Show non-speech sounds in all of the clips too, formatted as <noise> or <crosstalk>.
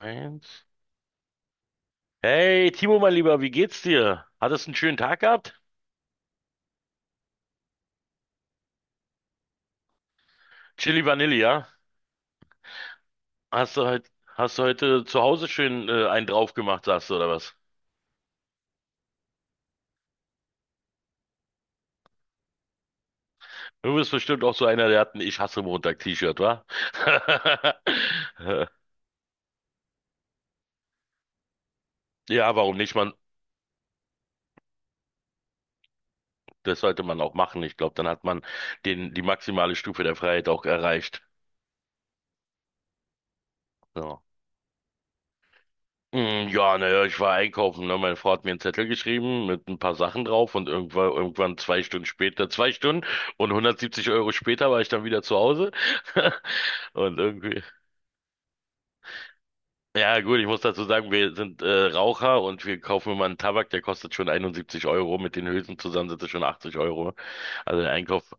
Eins. Hey, Timo, mein Lieber, wie geht's dir? Hattest du einen schönen Tag gehabt? Chili Vanille, ja? Hast du heute, Hast du heute zu Hause schön einen drauf gemacht, sagst du, oder was? Du bist bestimmt auch so einer, der hat ein Ich hasse Montag-T-Shirt, wa? <laughs> Ja, warum nicht? Man, das sollte man auch machen. Ich glaube, dann hat man die maximale Stufe der Freiheit auch erreicht. So. Mm, ja, naja, ich war einkaufen, ne? Meine Frau hat mir einen Zettel geschrieben mit ein paar Sachen drauf und irgendwann 2 Stunden später, 2 Stunden und 170 € später war ich dann wieder zu Hause. <laughs> Und irgendwie, ja gut, ich muss dazu sagen, wir sind Raucher und wir kaufen immer einen Tabak, der kostet schon 71 Euro. Mit den Hülsen zusammen sind es schon 80 Euro. Also der Einkauf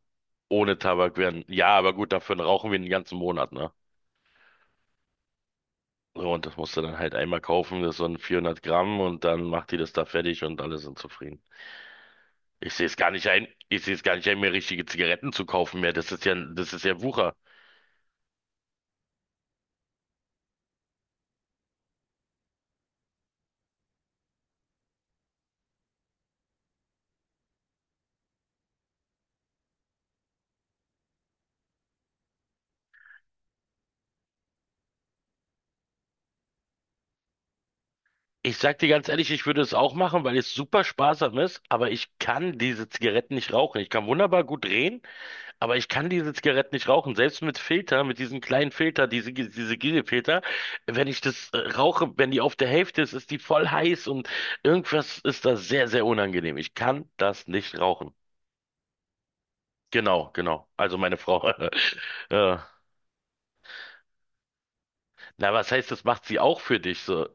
ohne Tabak wären, ja, aber gut, dafür rauchen wir den ganzen Monat, ne? So, und das musst du dann halt einmal kaufen, das ist so ein 400 Gramm und dann macht die das da fertig und alle sind zufrieden. Ich sehe es gar nicht ein, ich sehe es gar nicht ein, mir richtige Zigaretten zu kaufen mehr. Das ist ja Wucher. Ich sag dir ganz ehrlich, ich würde es auch machen, weil es super sparsam ist, aber ich kann diese Zigaretten nicht rauchen. Ich kann wunderbar gut drehen, aber ich kann diese Zigaretten nicht rauchen. Selbst mit Filter, mit diesem kleinen Filter, diese Gigefilter, wenn ich das rauche, wenn die auf der Hälfte ist, ist die voll heiß und irgendwas ist da sehr, sehr unangenehm. Ich kann das nicht rauchen. Genau, genau. Also meine Frau. <laughs> äh, Na, was heißt, das macht sie auch für dich so?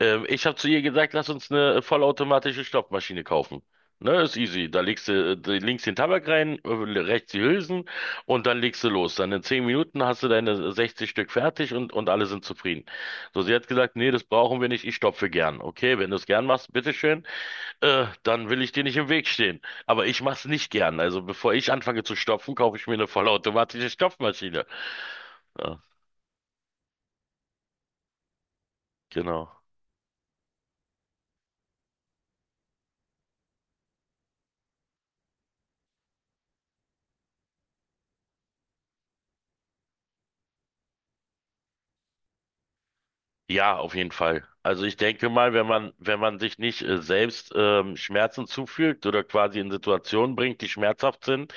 Ich habe zu ihr gesagt, lass uns eine vollautomatische Stopfmaschine kaufen. Ne, ist easy. Da legst du links den Tabak rein, rechts die Hülsen und dann legst du los. Dann in 10 Minuten hast du deine 60 Stück fertig und alle sind zufrieden. So, sie hat gesagt, nee, das brauchen wir nicht, ich stopfe gern. Okay, wenn du es gern machst, bitteschön, dann will ich dir nicht im Weg stehen. Aber ich mach's nicht gern. Also bevor ich anfange zu stopfen, kaufe ich mir eine vollautomatische Stopfmaschine. Ja, genau. Ja, auf jeden Fall. Also ich denke mal, wenn man sich nicht selbst Schmerzen zufügt oder quasi in Situationen bringt, die schmerzhaft sind,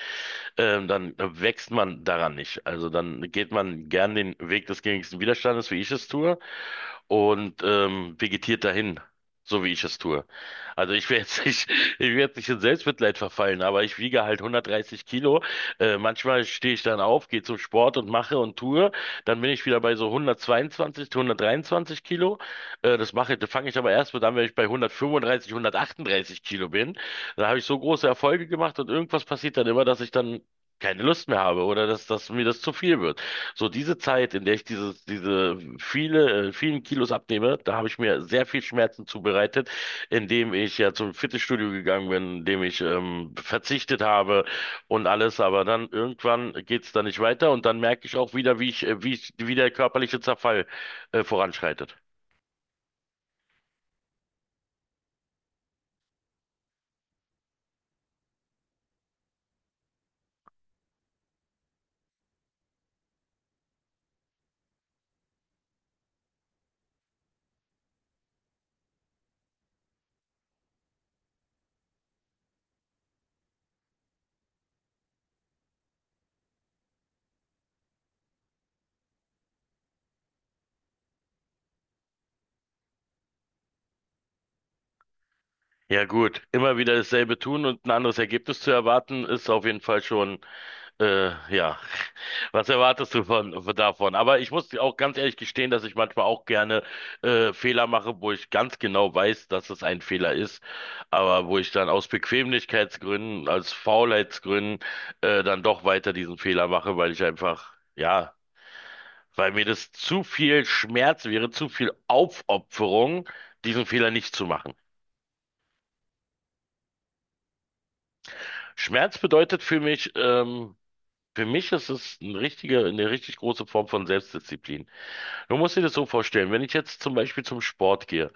dann wächst man daran nicht. Also dann geht man gern den Weg des geringsten Widerstandes, wie ich es tue und vegetiert dahin, so wie ich es tue. Also ich werde jetzt nicht, <laughs> ich werde nicht in Selbstmitleid verfallen, aber ich wiege halt 130 Kilo. Manchmal stehe ich dann auf, gehe zum Sport und mache und tue. Dann bin ich wieder bei so 122, 123 Kilo. Das mache, das fange ich aber erst mit an, wenn ich bei 135, 138 Kilo bin. Da habe ich so große Erfolge gemacht und irgendwas passiert dann immer, dass ich dann keine Lust mehr habe oder dass mir das zu viel wird. So diese Zeit, in der ich diese vielen Kilos abnehme, da habe ich mir sehr viel Schmerzen zubereitet, indem ich ja zum Fitnessstudio gegangen bin, indem ich verzichtet habe und alles. Aber dann irgendwann geht es da nicht weiter und dann merke ich auch wieder, wie der körperliche Zerfall voranschreitet. Ja gut, immer wieder dasselbe tun und ein anderes Ergebnis zu erwarten, ist auf jeden Fall schon, ja. Was erwartest du von davon? Aber ich muss auch ganz ehrlich gestehen, dass ich manchmal auch gerne Fehler mache, wo ich ganz genau weiß, dass es ein Fehler ist, aber wo ich dann aus Bequemlichkeitsgründen, aus Faulheitsgründen dann doch weiter diesen Fehler mache, weil ich einfach, ja, weil mir das zu viel Schmerz wäre, zu viel Aufopferung, diesen Fehler nicht zu machen. Schmerz bedeutet für mich, für mich ist es eine richtig große Form von Selbstdisziplin. Du musst dir das so vorstellen, wenn ich jetzt zum Beispiel zum Sport gehe,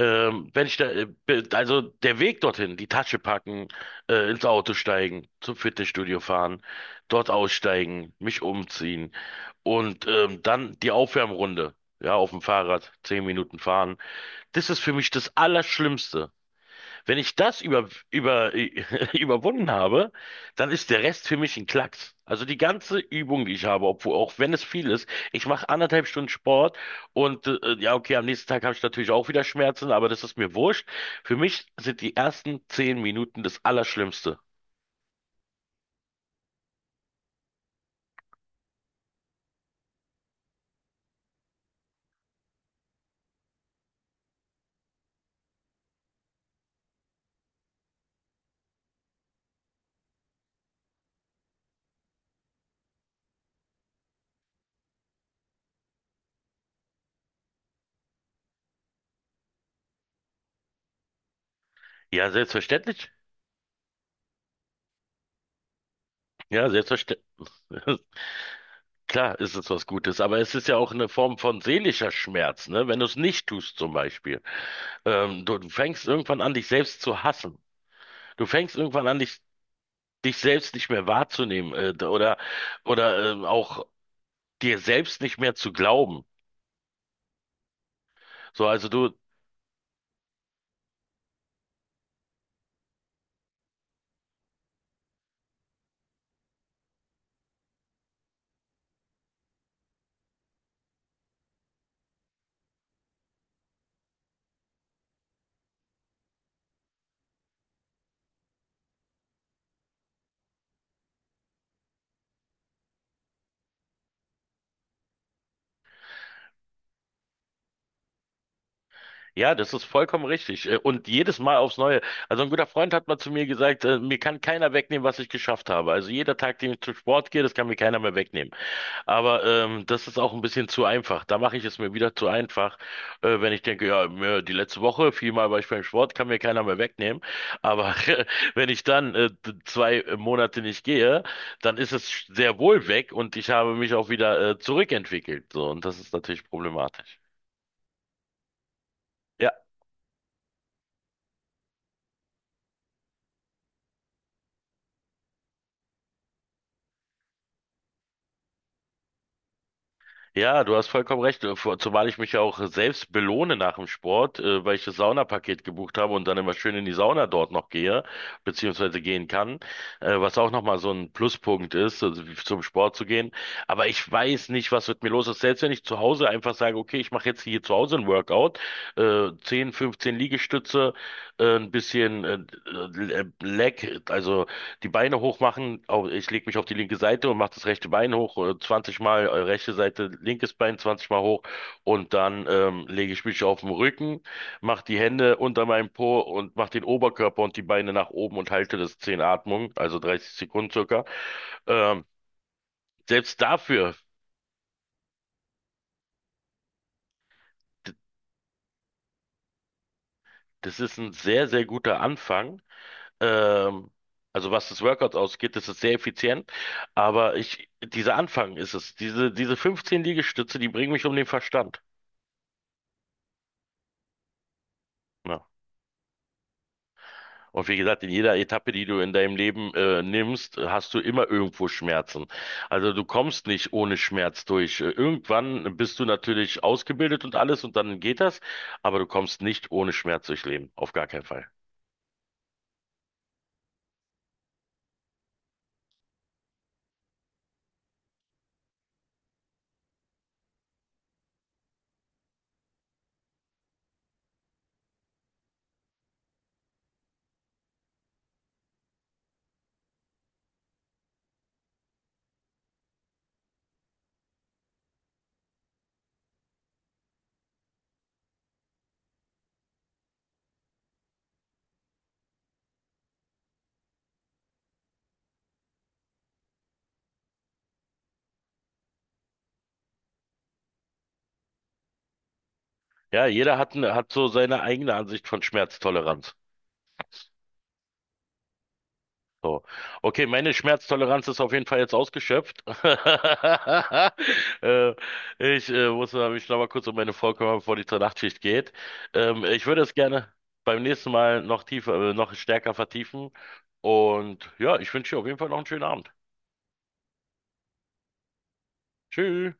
wenn ich da, also der Weg dorthin, die Tasche packen, ins Auto steigen, zum Fitnessstudio fahren, dort aussteigen, mich umziehen und dann die Aufwärmrunde, ja, auf dem Fahrrad, 10 Minuten fahren, das ist für mich das Allerschlimmste. Wenn ich das <laughs> überwunden habe, dann ist der Rest für mich ein Klacks. Also die ganze Übung, die ich habe, obwohl, auch wenn es viel ist, ich mache anderthalb Stunden Sport und ja, okay, am nächsten Tag habe ich natürlich auch wieder Schmerzen, aber das ist mir wurscht. Für mich sind die ersten 10 Minuten das Allerschlimmste. Ja, selbstverständlich. Ja, selbstverständlich. <laughs> Klar ist es was Gutes, aber es ist ja auch eine Form von seelischer Schmerz, ne? Wenn du es nicht tust, zum Beispiel. Du fängst irgendwann an, dich selbst zu hassen. Du fängst irgendwann an, dich selbst nicht mehr wahrzunehmen, oder, auch dir selbst nicht mehr zu glauben. So, also du, ja, das ist vollkommen richtig. Und jedes Mal aufs Neue. Also ein guter Freund hat mal zu mir gesagt, mir kann keiner wegnehmen, was ich geschafft habe. Also jeder Tag, den ich zum Sport gehe, das kann mir keiner mehr wegnehmen. Aber das ist auch ein bisschen zu einfach. Da mache ich es mir wieder zu einfach, wenn ich denke, ja, mir, die letzte Woche, viermal war ich beim Sport, kann mir keiner mehr wegnehmen. Aber <laughs> wenn ich dann 2 Monate nicht gehe, dann ist es sehr wohl weg und ich habe mich auch wieder zurückentwickelt. So, und das ist natürlich problematisch. Ja, ja, du hast vollkommen recht. Zumal ich mich ja auch selbst belohne nach dem Sport, weil ich das Saunapaket gebucht habe und dann immer schön in die Sauna dort noch gehe, beziehungsweise gehen kann, was auch nochmal so ein Pluspunkt ist, also zum Sport zu gehen. Aber ich weiß nicht, was mit mir los ist. Selbst wenn ich zu Hause einfach sage, okay, ich mache jetzt hier zu Hause ein Workout, 10, 15 Liegestütze, ein bisschen also die Beine hoch machen. Ich lege mich auf die linke Seite und mache das rechte Bein hoch, 20 Mal, rechte Seite, linkes Bein 20 Mal hoch und dann lege ich mich auf den Rücken, mache die Hände unter meinem Po und mache den Oberkörper und die Beine nach oben und halte das 10 Atmung, also 30 Sekunden circa. Ähm, selbst dafür, d- das ist ein sehr, sehr guter Anfang. Ähm, Also was das Workout ausgeht, das ist sehr effizient. Aber ich, dieser Anfang ist es. Diese 15 Liegestütze, die bringen mich um den Verstand. Ja. Und wie gesagt, in jeder Etappe, die du in deinem Leben nimmst, hast du immer irgendwo Schmerzen. Also du kommst nicht ohne Schmerz durch. Irgendwann bist du natürlich ausgebildet und alles und dann geht das, aber du kommst nicht ohne Schmerz durchs Leben. Auf gar keinen Fall. Ja, jeder hat, hat so seine eigene Ansicht von Schmerztoleranz. So. Okay, meine Schmerztoleranz ist auf jeden Fall jetzt ausgeschöpft. <laughs> äh, ich muss mich noch mal kurz um meine Frau kümmern, bevor die zur Nachtschicht geht. Ich würde es gerne beim nächsten Mal noch tiefer, noch stärker vertiefen. Und ja, ich wünsche dir auf jeden Fall noch einen schönen Abend. Tschüss.